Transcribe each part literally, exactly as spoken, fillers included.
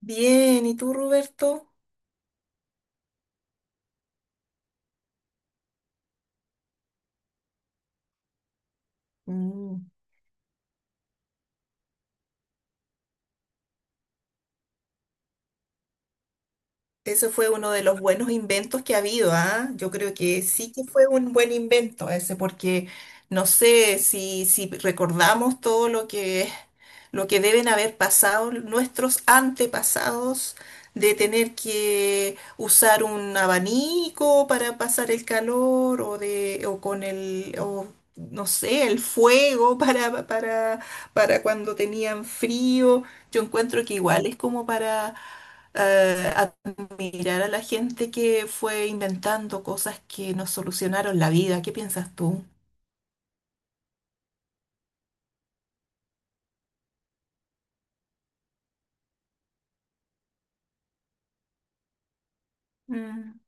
Bien, ¿y tú, Roberto? Mm. Eso fue uno de los buenos inventos que ha habido, ¿ah? Yo creo que sí que fue un buen invento ese, porque no sé si, si recordamos todo lo que, lo que deben haber pasado nuestros antepasados de tener que usar un abanico para pasar el calor o de, o con el, o no sé, el fuego para, para, para cuando tenían frío. Yo encuentro que igual es como para eh, admirar a la gente que fue inventando cosas que nos solucionaron la vida. ¿Qué piensas tú? Mm.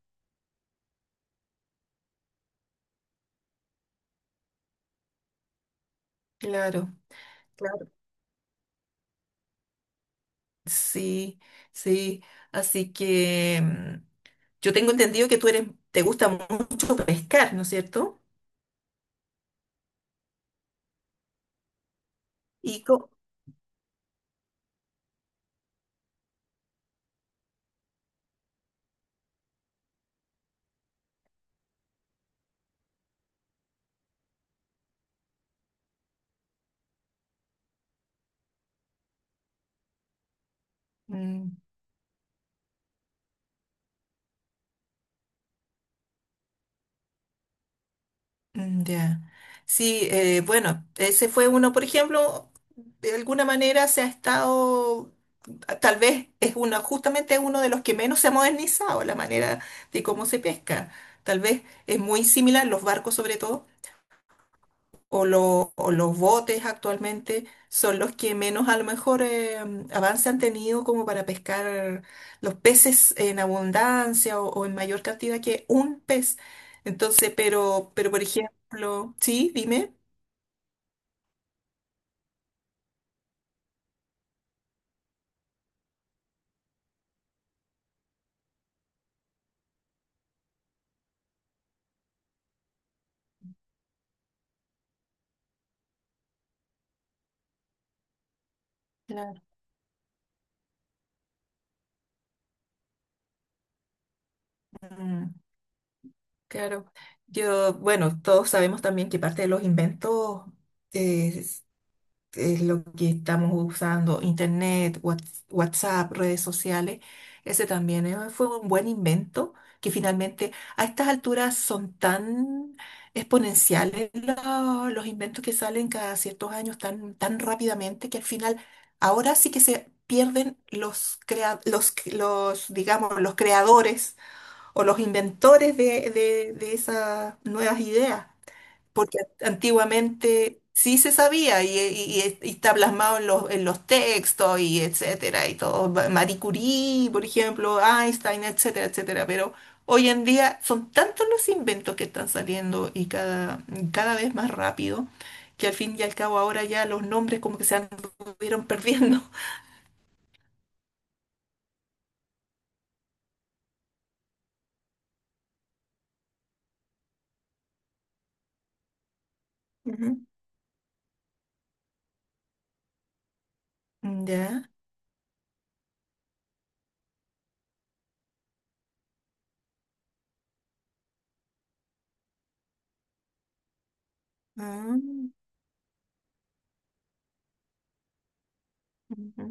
Claro, claro. Sí, sí. Así que mm, yo tengo entendido que tú eres, te gusta mucho pescar, ¿no es cierto? Y co- Mm. Mm. Ya. Sí, eh, bueno, ese fue uno, por ejemplo, de alguna manera se ha estado, tal vez es uno, justamente es uno de los que menos se ha modernizado la manera de cómo se pesca. Tal vez es muy similar, los barcos sobre todo o, lo- o los botes actualmente son los que menos a lo mejor eh, avance han tenido como para pescar los peces en abundancia o, o en mayor cantidad que un pez. Entonces, pero, pero por ejemplo, sí, dime. Claro. Mm. Claro. Yo, bueno, todos sabemos también que parte de los inventos eh, es lo que estamos usando, internet, Whats- WhatsApp, redes sociales, ese también eh, fue un buen invento que finalmente a estas alturas son tan exponenciales lo- los inventos que salen cada ciertos años tan, tan, rápidamente que al final ahora sí que se pierden los, crea- los, los, digamos, los creadores o los inventores de, de de esas nuevas ideas. Porque antiguamente sí se sabía y, y- y está plasmado en los, en los textos y etcétera, y todo. Marie Curie, por ejemplo, Einstein, etcétera, etcétera. Pero hoy en día son tantos los inventos que están saliendo y cada, cada vez más rápido, que al fin y al cabo ahora ya los nombres como que se anduvieron perdiendo. Ujú. Ya. Ah, ujú.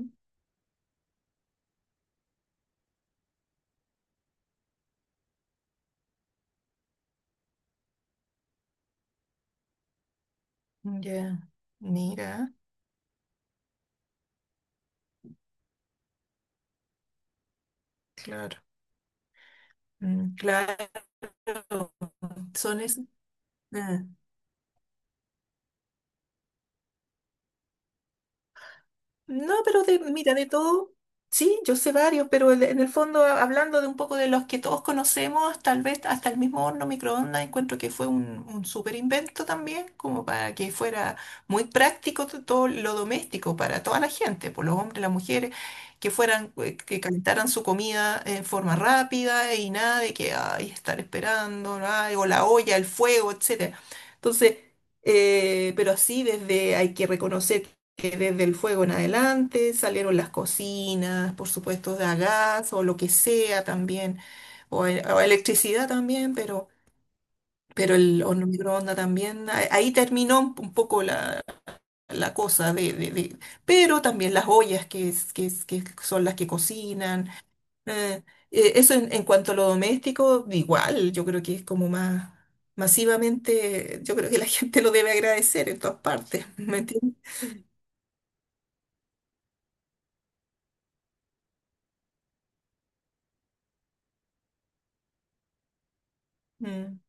Ya. Mira, claro. Mm. Claro. Son esos. Ah. No, pero de, mira, de todo, sí, yo sé varios, pero el- en el fondo, a- hablando de un poco de los que todos conocemos, tal vez hasta el mismo horno microondas, encuentro que fue un, un súper invento también, como para que fuera muy práctico to- todo lo doméstico para toda la gente, por los hombres, las mujeres, que fueran, eh, que calentaran su comida en forma rápida y nada de que, ay, estar esperando, ay, o la olla, el fuego, etcétera. Entonces, eh, pero así desde hay que reconocer eh, desde el fuego en adelante, salieron las cocinas, por supuesto, de a gas o lo que sea también, o, e- o electricidad también, pero, pero, el horno microondas también. a- Ahí terminó un un poco la, la cosa de, de- de- Pero también las ollas que, es- que, es- que son las que cocinan. eh, eh, Eso en, en cuanto a lo doméstico, igual, yo creo que es como más masivamente, yo creo que la gente lo debe agradecer en todas partes, ¿me entiendes? Mm.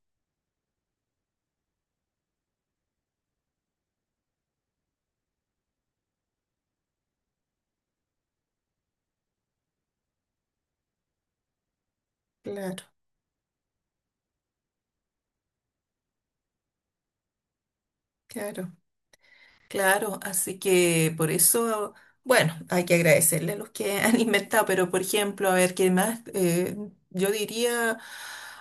Claro, claro. Claro, así que por eso, bueno, hay que agradecerle a los que han inventado, pero por ejemplo, a ver, ¿qué más? Eh, yo diría.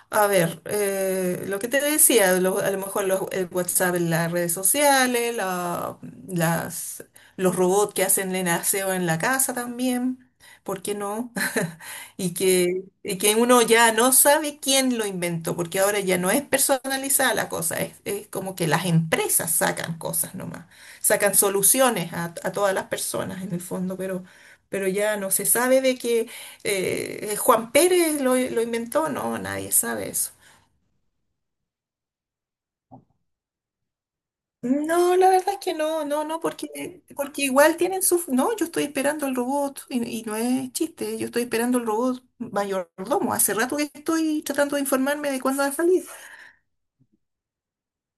A ver, eh, lo que te decía, lo- a lo mejor los, el WhatsApp en las redes sociales, la- las, los robots que hacen el aseo en la casa también, ¿por qué no? Y que, y que uno ya no sabe quién lo inventó, porque ahora ya no es personalizada la cosa, es, es como que las empresas sacan cosas nomás, sacan soluciones a, a todas las personas en el fondo, pero, pero, ya no se sabe de qué eh, Juan Pérez lo, lo inventó, no, nadie sabe eso. No, la verdad es que no, no, no, porque, porque igual tienen su. No, yo estoy esperando el robot y, y no es chiste, yo estoy esperando el robot mayordomo. Hace rato que estoy tratando de informarme de cuándo va a salir.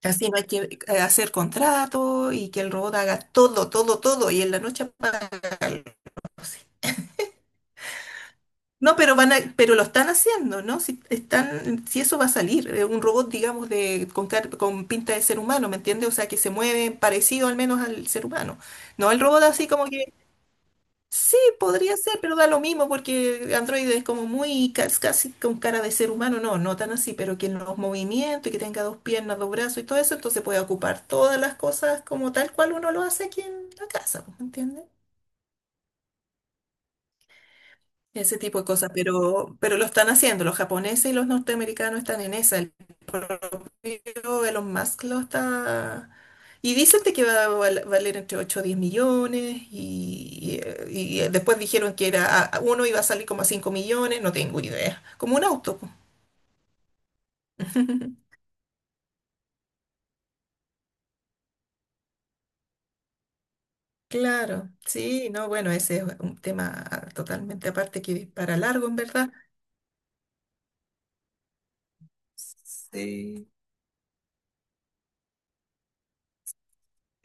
Así no hay que eh, hacer contrato y que el robot haga todo, todo, todo y en la noche apaga. No, pero van a, pero lo están haciendo, ¿no? Si están, si eso va a salir, eh, un robot, digamos, de, con, car- con pinta de ser humano, ¿me entiendes? O sea, que se mueve parecido al menos al ser humano. No, el robot así como que, sí, podría ser, pero da lo mismo porque Android es como muy, cas- casi con cara de ser humano, no, no tan así, pero que los movimientos y que tenga dos piernas, dos brazos y todo eso, entonces puede ocupar todas las cosas como tal cual uno lo hace aquí en la casa, ¿me entiendes? Ese tipo de cosas, pero, pero lo están haciendo, los japoneses y los norteamericanos están en esa, el propio Elon Musk lo está. Y dicen de que va a val- valer entre ocho o diez millones y, y- eh, y después dijeron que era a- uno iba a salir como a cinco millones, no tengo idea, como un auto. Po. Claro, sí, no, bueno, ese es un tema totalmente aparte que para largo, en verdad. Sí.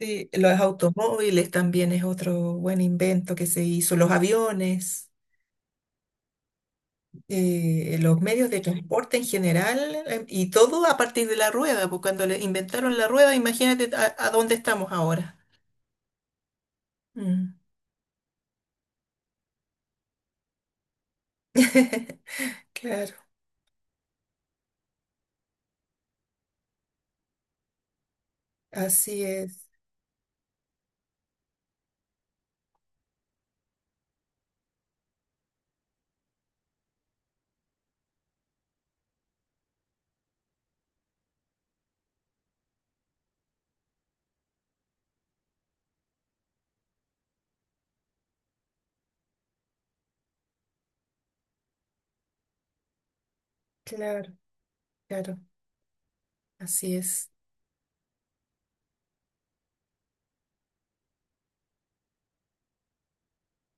Sí, los automóviles también es otro buen invento que se hizo, los aviones, eh, los medios de transporte en general, eh, y todo a partir de la rueda, porque cuando le inventaron la rueda, imagínate a, a dónde estamos ahora. Mm. Claro, así es, claro, claro, así es.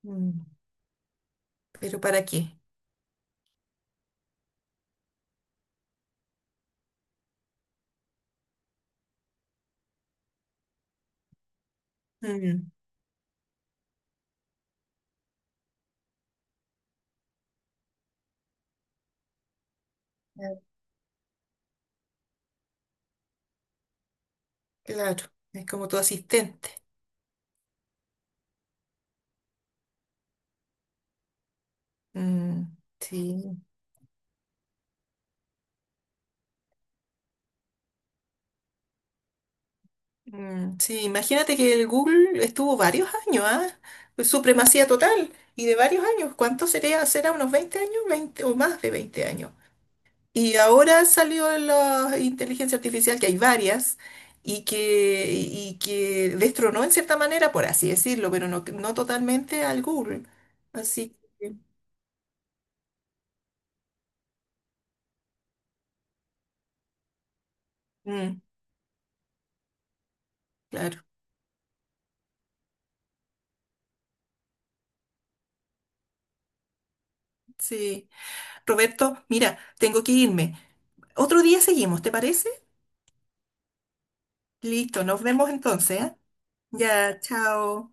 Mm. Pero ¿para qué? Mm. Claro, es como tu asistente. Mm. Sí. Mm, sí, imagínate que el Google estuvo varios años, ¿ah? Pues supremacía total y de varios años. ¿Cuánto sería? ¿Será unos veinte años? Veinte o más de veinte años. Y ahora salió la inteligencia artificial, que hay varias, y que, y que destronó en cierta manera, por así decirlo, pero no, no totalmente al Google. Así que, mm, claro, sí. Roberto, mira, tengo que irme. Otro día seguimos, ¿te parece? Listo, nos vemos entonces, ¿ah? Ya, chao.